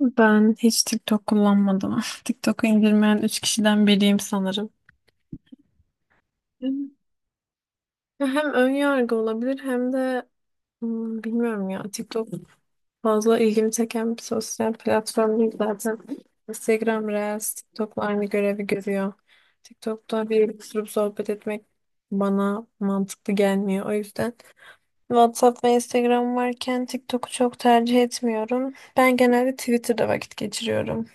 Ben hiç TikTok kullanmadım. TikTok'u indirmeyen üç kişiden biriyim sanırım. Ya, hem ön yargı olabilir hem de bilmiyorum ya, TikTok fazla ilgimi çeken bir sosyal platform değil zaten. Instagram Reels TikTok'la aynı görevi görüyor. TikTok'ta bir oturup sohbet etmek bana mantıklı gelmiyor. O yüzden WhatsApp ve Instagram varken TikTok'u çok tercih etmiyorum. Ben genelde Twitter'da vakit geçiriyorum.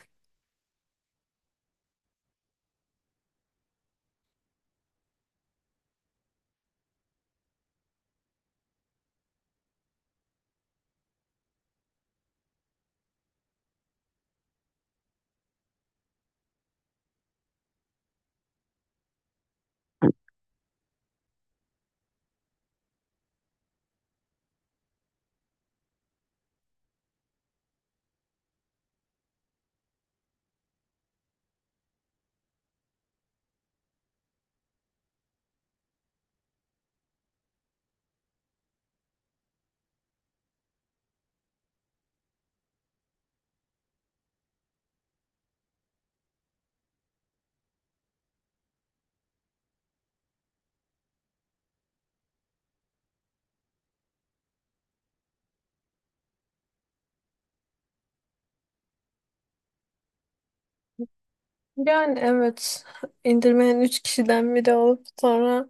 Yani evet, indirmeyen 3 kişiden biri olup sonra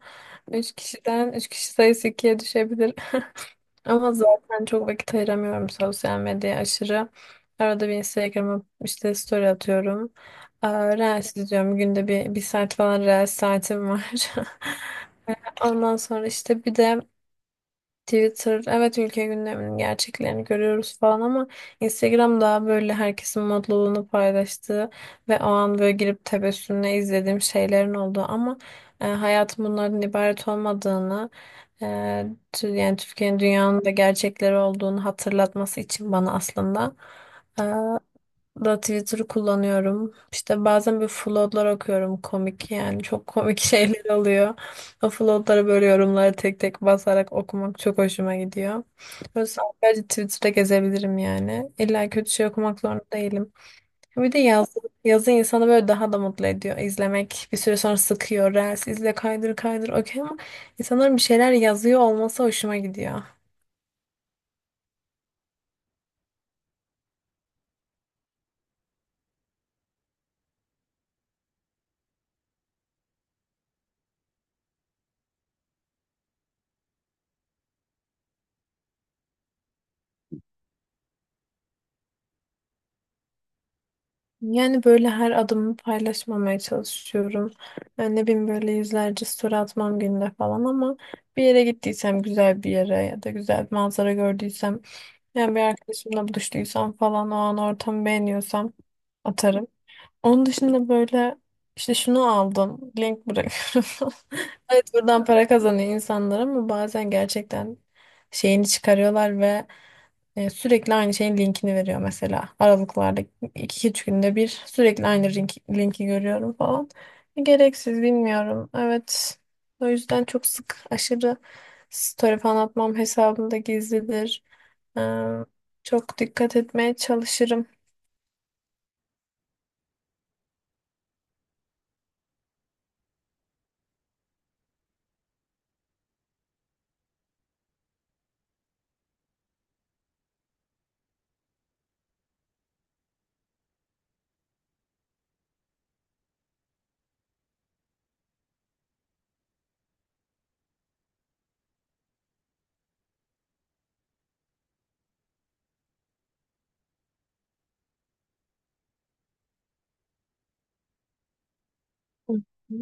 3 kişiden 3 kişi sayısı ikiye düşebilir. Ama zaten çok vakit ayıramıyorum sosyal medyaya aşırı. Arada bir Instagram'a işte story atıyorum. Reels izliyorum. Günde bir saat falan Reels saatim var. Ondan sonra işte bir de Twitter, evet ülke gündeminin gerçeklerini görüyoruz falan ama Instagram daha böyle herkesin mutluluğunu paylaştığı ve o an böyle girip tebessümle izlediğim şeylerin olduğu ama hayatın bunlardan ibaret olmadığını, e, yani Türkiye'nin dünyanın da gerçekleri olduğunu hatırlatması için bana aslında e, da Twitter'ı kullanıyorum. İşte bazen bir floodlar okuyorum komik yani çok komik şeyler oluyor. O floodlara böyle yorumları tek tek basarak okumak çok hoşuma gidiyor. Böyle sadece Twitter'da gezebilirim yani. İlla kötü şey okumak zorunda değilim. Bir de yazı insanı böyle daha da mutlu ediyor. İzlemek bir süre sonra sıkıyor. Reels izle kaydır kaydır okey ama insanların bir şeyler yazıyor olması hoşuma gidiyor. Yani böyle her adımı paylaşmamaya çalışıyorum. Yani ne bileyim böyle yüzlerce story atmam günde falan ama bir yere gittiysem güzel bir yere ya da güzel bir manzara gördüysem yani bir arkadaşımla buluştuysam falan o an ortamı beğeniyorsam atarım. Onun dışında böyle işte şunu aldım. Link bırakıyorum. Evet, buradan para kazanıyor insanlar ama bazen gerçekten şeyini çıkarıyorlar ve sürekli aynı şeyin linkini veriyor mesela. Aralıklarda iki üç günde bir sürekli aynı linki görüyorum falan. Gereksiz bilmiyorum. Evet. O yüzden çok sık aşırı story falan atmam, hesabımda gizlidir. Ee, çok dikkat etmeye çalışırım. Hı.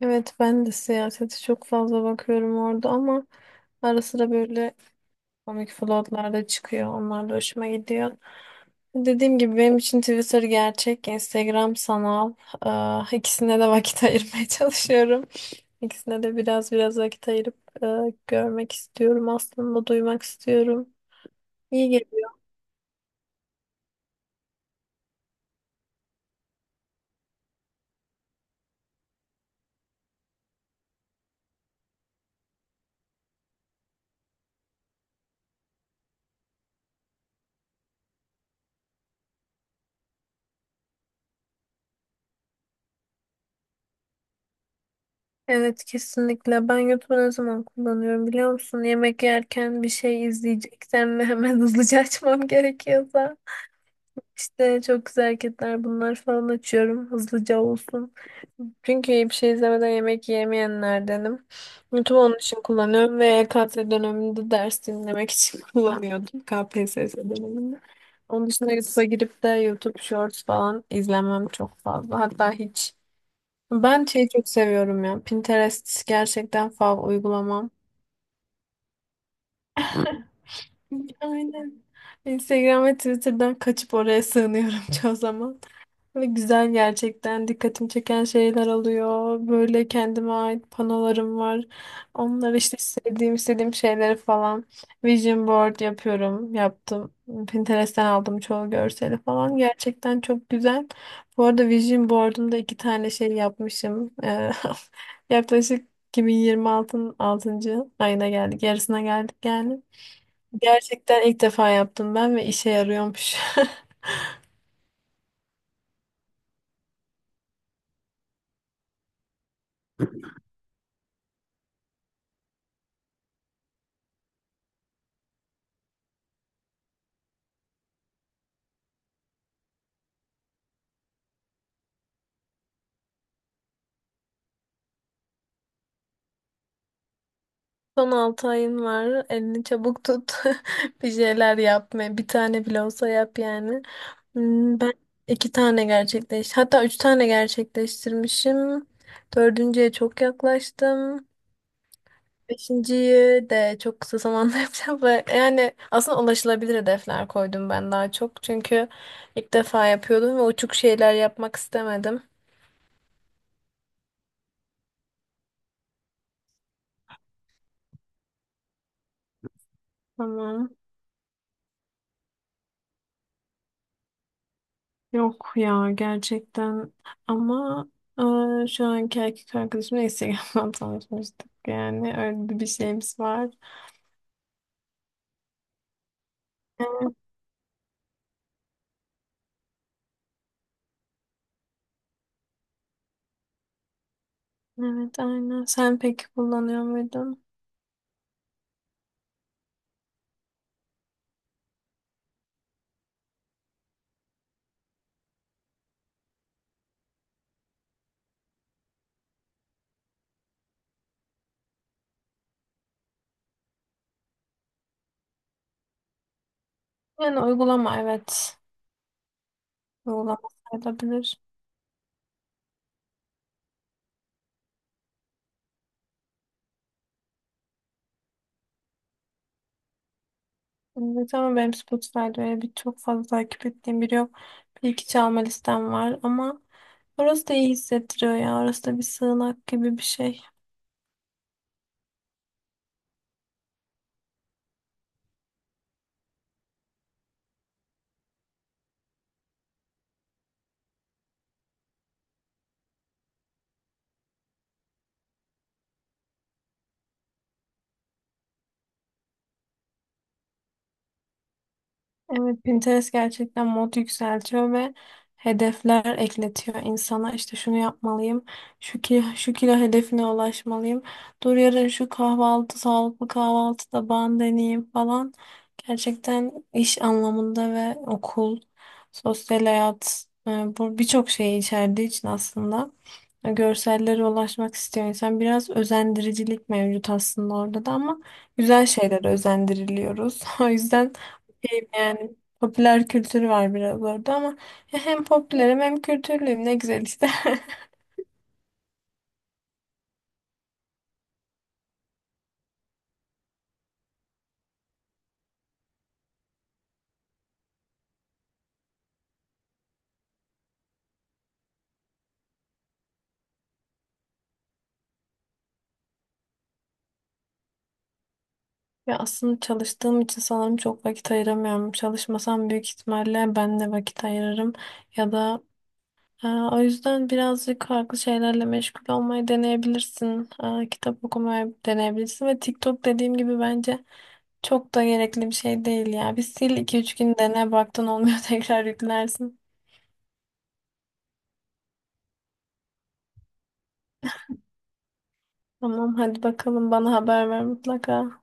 Evet, ben de siyasete çok fazla bakıyorum orada ama ara sıra böyle komik vloglar da çıkıyor. Onlar da hoşuma gidiyor. Dediğim gibi benim için Twitter gerçek, Instagram sanal. İkisine de vakit ayırmaya çalışıyorum. İkisine de biraz biraz vakit ayırıp e, görmek istiyorum aslında, duymak istiyorum. İyi geliyor. Evet, kesinlikle. Ben YouTube'u ne zaman kullanıyorum biliyor musun? Yemek yerken bir şey izleyeceksem ve hemen hızlıca açmam gerekiyorsa. İşte çok güzel hareketler bunlar falan açıyorum. Hızlıca olsun. Çünkü bir şey izlemeden yemek yemeyenlerdenim. YouTube onun için kullanıyorum ve EKT döneminde ders dinlemek için kullanıyordum. KPSS döneminde. Onun dışında YouTube'a girip de YouTube Shorts falan izlemem çok fazla. Hatta hiç. Ben şeyi çok seviyorum ya. Pinterest gerçekten fav uygulamam. Aynen. Instagram ve Twitter'dan kaçıp oraya sığınıyorum çoğu zaman. Ve güzel, gerçekten dikkatimi çeken şeyler oluyor. Böyle kendime ait panolarım var. Onları işte istediğim istediğim şeyleri falan vision board yapıyorum. Yaptım. Pinterest'ten aldım çoğu görseli falan. Gerçekten çok güzel. Bu arada vision board'umda iki tane şey yapmışım. Yaklaşık 2026'nın altıncı ayına geldik. Yarısına geldik yani. Gerçekten ilk defa yaptım ben ve işe yarıyormuş. Son 6 ayın var. Elini çabuk tut. Bir şeyler yapma. Bir tane bile olsa yap yani. Ben iki tane gerçekleş. Hatta üç tane gerçekleştirmişim. Dördüncüye çok yaklaştım. Beşinciyi de çok kısa zamanda yapacağım ve yani aslında ulaşılabilir hedefler koydum ben daha çok. Çünkü ilk defa yapıyordum ve uçuk şeyler yapmak istemedim. Tamam. Yok ya, gerçekten, ama şu anki erkek arkadaşım Instagram'dan tanışmıştık, yani öyle bir şeyimiz var. Evet, evet aynen. Sen peki kullanıyor muydun? Yani uygulama, evet. Uygulama sayılabilir. Evet ama benim Spotify'da öyle bir çok fazla takip ettiğim biri yok. Bir iki çalma listem var ama orası da iyi hissettiriyor ya. Orası da bir sığınak gibi bir şey. Evet, Pinterest gerçekten mod yükseltiyor ve hedefler ekletiyor insana. İşte şunu yapmalıyım, şu kilo, şu kilo hedefine ulaşmalıyım. Dur yarın şu kahvaltı, sağlıklı kahvaltıda ben deneyeyim falan. Gerçekten iş anlamında ve okul, sosyal hayat, bu birçok şeyi içerdiği için aslında görsellere ulaşmak istiyor insan. Biraz özendiricilik mevcut aslında orada da ama güzel şeylere özendiriliyoruz. O yüzden şeyim yani. Popüler kültür var biraz orada ama ya hem popülerim hem kültürlüyüm, ne güzel işte. Ya aslında çalıştığım için sanırım çok vakit ayıramıyorum. Çalışmasam büyük ihtimalle ben de vakit ayırırım. Ya da o yüzden birazcık farklı şeylerle meşgul olmayı deneyebilirsin. Kitap okumayı deneyebilirsin ve TikTok, dediğim gibi, bence çok da gerekli bir şey değil ya. Bir sil, iki üç gün dene, baktın olmuyor tekrar yüklersin. Tamam, hadi bakalım, bana haber ver mutlaka.